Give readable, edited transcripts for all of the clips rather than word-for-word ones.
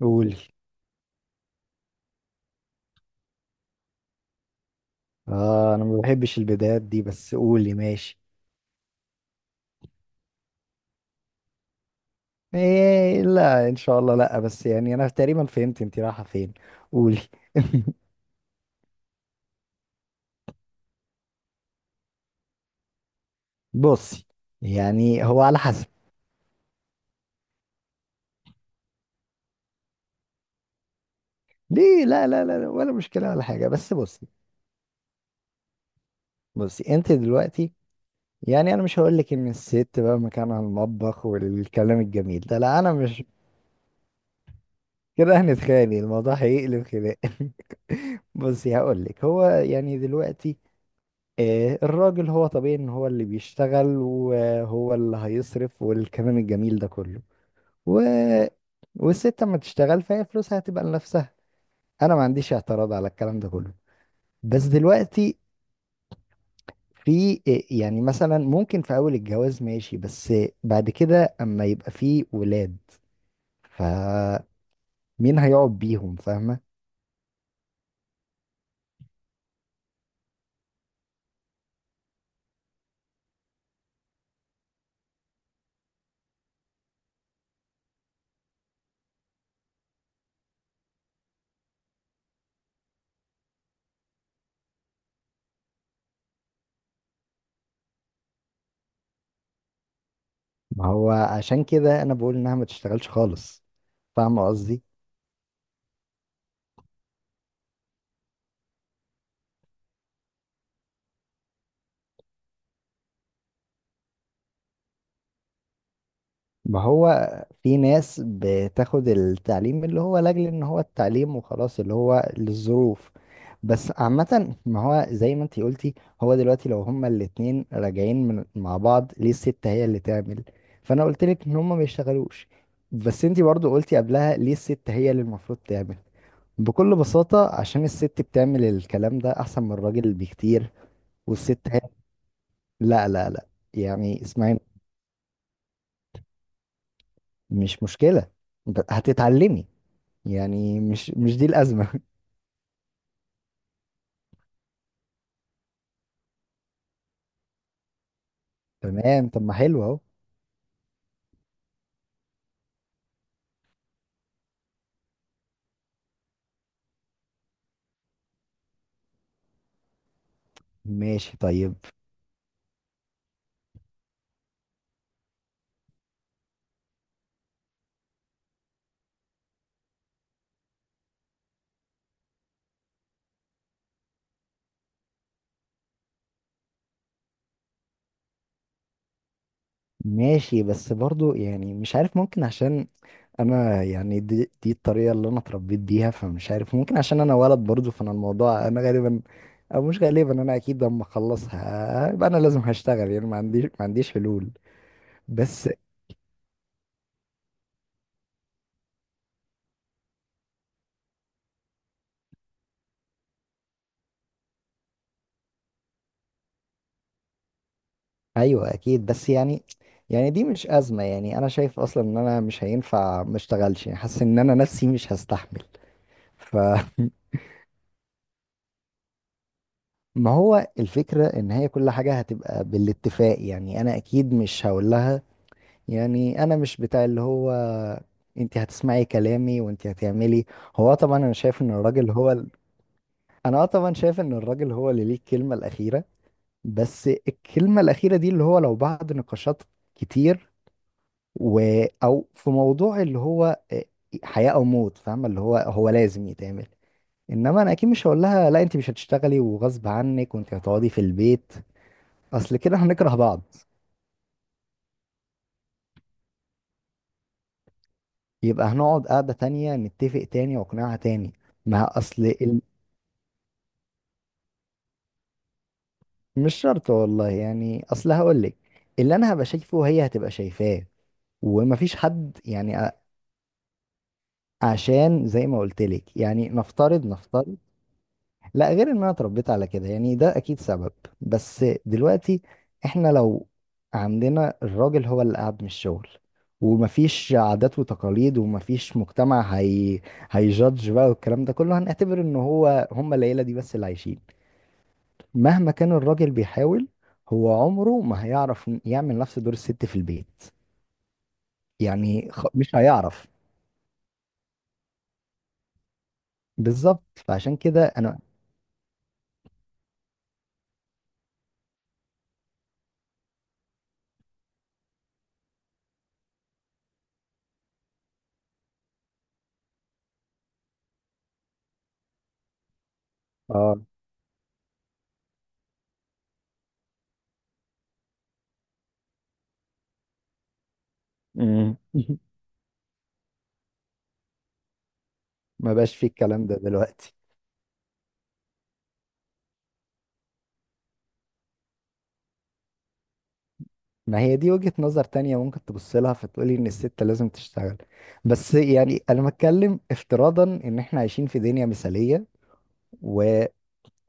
قولي. اه، انا ما بحبش البدايات دي، بس قولي ماشي. ايه، لا، ان شاء الله لا، بس يعني انا تقريبا فهمت انت رايحه فين. قولي. بصي، يعني هو على حسب. ليه، لا لا لا لا، ولا مشكله ولا حاجه، بس بصي. بصي، انت دلوقتي، يعني انا مش هقول لك ان الست بقى مكانها المطبخ والكلام الجميل ده، لا انا مش كده. هنتخانق، الموضوع هيقلب خناق. بصي هقول لك، هو يعني دلوقتي، الراجل هو طبيعي ان هو اللي بيشتغل وهو اللي هيصرف والكلام الجميل ده كله. و... والست اما تشتغل فهي فلوسها هتبقى لنفسها. انا ما عنديش اعتراض على الكلام ده كله. بس دلوقتي، في يعني مثلا ممكن في اول الجواز ماشي، بس بعد كده اما يبقى في ولاد، فمين هيقعد بيهم؟ فاهمة. ما هو عشان كده انا بقول انها ما تشتغلش خالص. فاهمة قصدي. ما هو في ناس بتاخد التعليم اللي هو لاجل ان هو التعليم وخلاص، اللي هو للظروف. بس عامة، ما هو زي ما انتي قلتي، هو دلوقتي لو هما الاتنين راجعين من مع بعض، ليه الست هي اللي تعمل؟ فانا قلت لك ان هما ما يشتغلوش. بس انتي برضو قلتي قبلها ليه الست هي اللي المفروض تعمل. بكل بساطة عشان الست بتعمل الكلام ده احسن من الراجل بكتير. والست هي، لا لا لا، يعني اسمعي، مش مشكلة، هتتعلمي، يعني مش دي الأزمة. تمام، طب ما حلو اهو. ماشي طيب. ماشي، بس برضو يعني مش عارف، ممكن عشان انا، يعني دي الطريقة اللي انا اتربيت بيها، فمش عارف ممكن عشان انا ولد برضو، فانا الموضوع انا غالبا، او مش غالبا انا اكيد، لما اخلصها يبقى انا لازم هشتغل، يعني ما عنديش حلول. بس. ايوه اكيد بس يعني، يعني دي مش أزمة، يعني انا شايف اصلا ان انا مش هينفع ما اشتغلش، يعني حاسس ان انا نفسي مش هستحمل. ف ما هو الفكرة ان هي كل حاجة هتبقى بالاتفاق، يعني انا اكيد مش هقول لها، يعني انا مش بتاع اللي هو انت هتسمعي كلامي وانت هتعملي. هو طبعا انا شايف ان الراجل هو انا طبعا شايف ان الراجل هو اللي ليه الكلمة الاخيرة. بس الكلمة الاخيرة دي اللي هو لو بعد نقاشات كتير و... او في موضوع اللي هو حياة او موت، فاهمة اللي هو هو لازم يتعمل. انما انا اكيد مش هقول لها لا انت مش هتشتغلي وغصب عنك وانت هتقعدي في البيت، اصل كده هنكره بعض. يبقى هنقعد قعدة تانية نتفق تاني واقنعها تاني. ما اصل ال... مش شرط والله يعني، اصل هقولك اللي انا هبقى شايفه هي هتبقى شايفاه، ومفيش حد يعني عشان زي ما قلتلك، يعني نفترض نفترض لا غير ان انا اتربيت على كده، يعني ده اكيد سبب. بس دلوقتي احنا لو عندنا الراجل هو اللي قاعد من الشغل ومفيش عادات وتقاليد ومفيش مجتمع، هي هيجادج بقى والكلام ده كله، هنعتبر ان هو هم العيلة دي بس اللي عايشين. مهما كان الراجل بيحاول، هو عمره ما هيعرف يعمل نفس دور الست في البيت. يعني مش هيعرف. بالظبط، فعشان كده انا. اه مم. ما بقاش في الكلام ده دلوقتي. ما هي دي وجهة نظر تانية ممكن تبص لها فتقولي ان الست لازم تشتغل. بس يعني انا بتكلم افتراضا ان احنا عايشين في دنيا مثالية،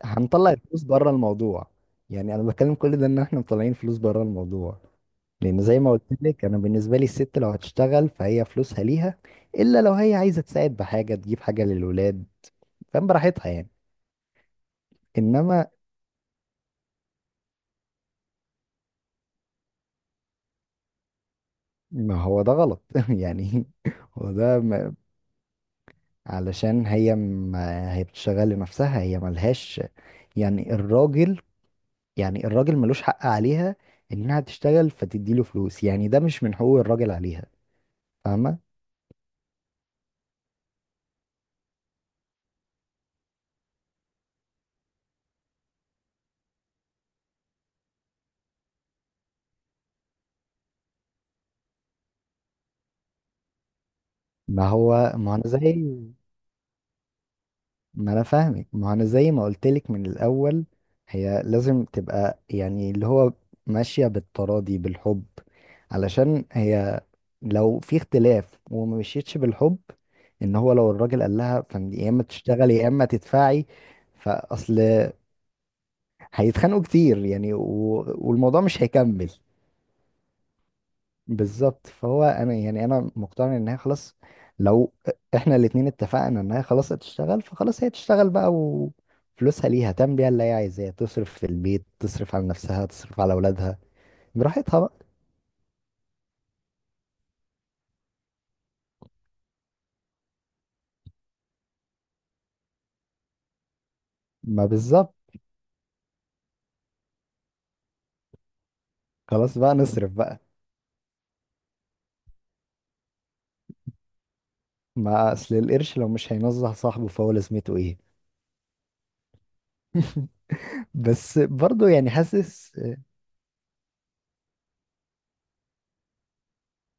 وهنطلع الفلوس بره الموضوع. يعني انا بتكلم كل ده ان احنا مطلعين فلوس بره الموضوع. لان زي ما قلت لك، انا بالنسبة لي الست لو هتشتغل فهي فلوسها ليها، الا لو هي عايزة تساعد بحاجة، تجيب حاجة للولاد، فاهم، براحتها يعني. انما، ما هو ده غلط، يعني هو ده علشان هي، ما هي بتشتغل لنفسها، هي ملهاش، يعني الراجل يعني الراجل ملوش حق عليها انها تشتغل فتديله فلوس، يعني ده مش من حقوق الراجل عليها. فاهمة. ما هو ما انا فاهمك، ما انا زي ما قلتلك من الاول، هي لازم تبقى يعني اللي هو ماشية بالتراضي بالحب، علشان هي لو في اختلاف وما مشيتش بالحب، ان هو لو الراجل قال لها، فانت يا اما تشتغلي يا اما تدفعي، فاصل. هيتخانقوا كتير، يعني والموضوع مش هيكمل. بالظبط. فهو انا، يعني انا مقتنع ان هي خلاص لو احنا الاتنين اتفقنا ان هي خلاص هتشتغل، فخلاص هي تشتغل بقى، وفلوسها ليها تعمل بيها اللي هي عايزاه، تصرف في البيت، تصرف على نفسها، تصرف على اولادها، براحتها بقى. ما بالظبط. خلاص بقى نصرف بقى. ما اصل القرش لو مش هينزه صاحبه فهو لازمته ايه؟ بس برضه يعني حاسس.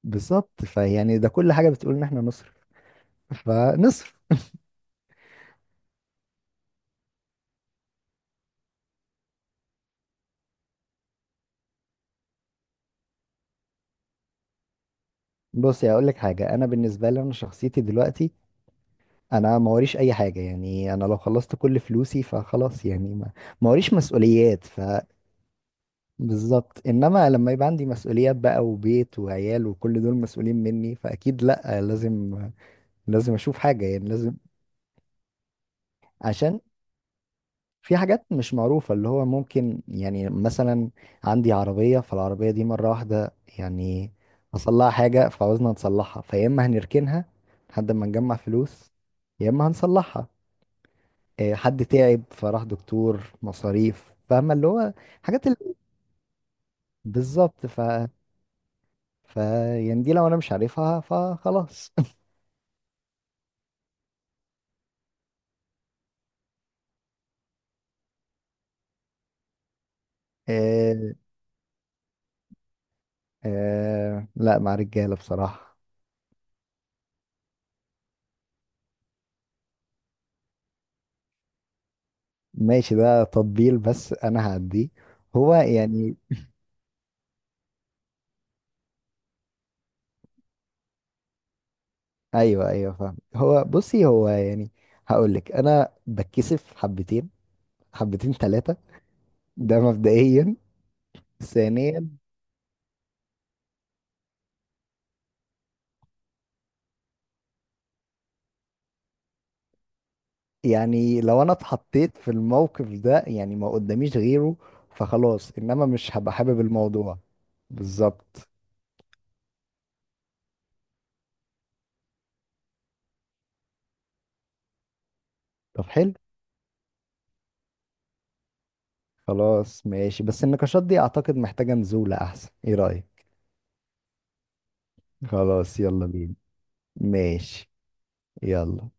بالظبط، فيعني ده كل حاجة بتقول ان احنا نصرف، فنصرف. بصي هقول لك حاجة، انا بالنسبة لي انا شخصيتي دلوقتي، انا ما وريش اي حاجه، يعني انا لو خلصت كل فلوسي فخلاص، يعني ما وريش مسؤوليات. فبالظبط، انما لما يبقى عندي مسؤوليات بقى، وبيت وعيال وكل دول مسؤولين مني، فاكيد لا، لازم اشوف حاجه، يعني لازم. عشان في حاجات مش معروفه اللي هو ممكن، يعني مثلا عندي عربيه، فالعربيه دي مره واحده يعني حصل لها حاجه فعاوزنا نصلحها، فيا اما هنركنها لحد ما نجمع فلوس، يا اما هنصلحها. حد تعب فراح دكتور، مصاريف، فاهمة اللي هو حاجات ال... بالظبط ف يعني دي لو انا مش عارفها فخلاص. آه، لا مع رجالة بصراحة. ماشي، ده تطبيل بس انا هعديه. هو يعني، ايوه ايوه فاهم، هو بصي، هو يعني هقول لك، انا بتكسف حبتين، حبتين ثلاثة، ده مبدئيا. ثانيا، يعني لو انا اتحطيت في الموقف ده يعني ما قداميش غيره، فخلاص، انما مش هبقى حابب الموضوع. بالظبط. طب حلو، خلاص ماشي، بس النقاشات دي اعتقد محتاجة نزولة احسن، ايه رأيك؟ خلاص، يلا بينا. ماشي. يلا.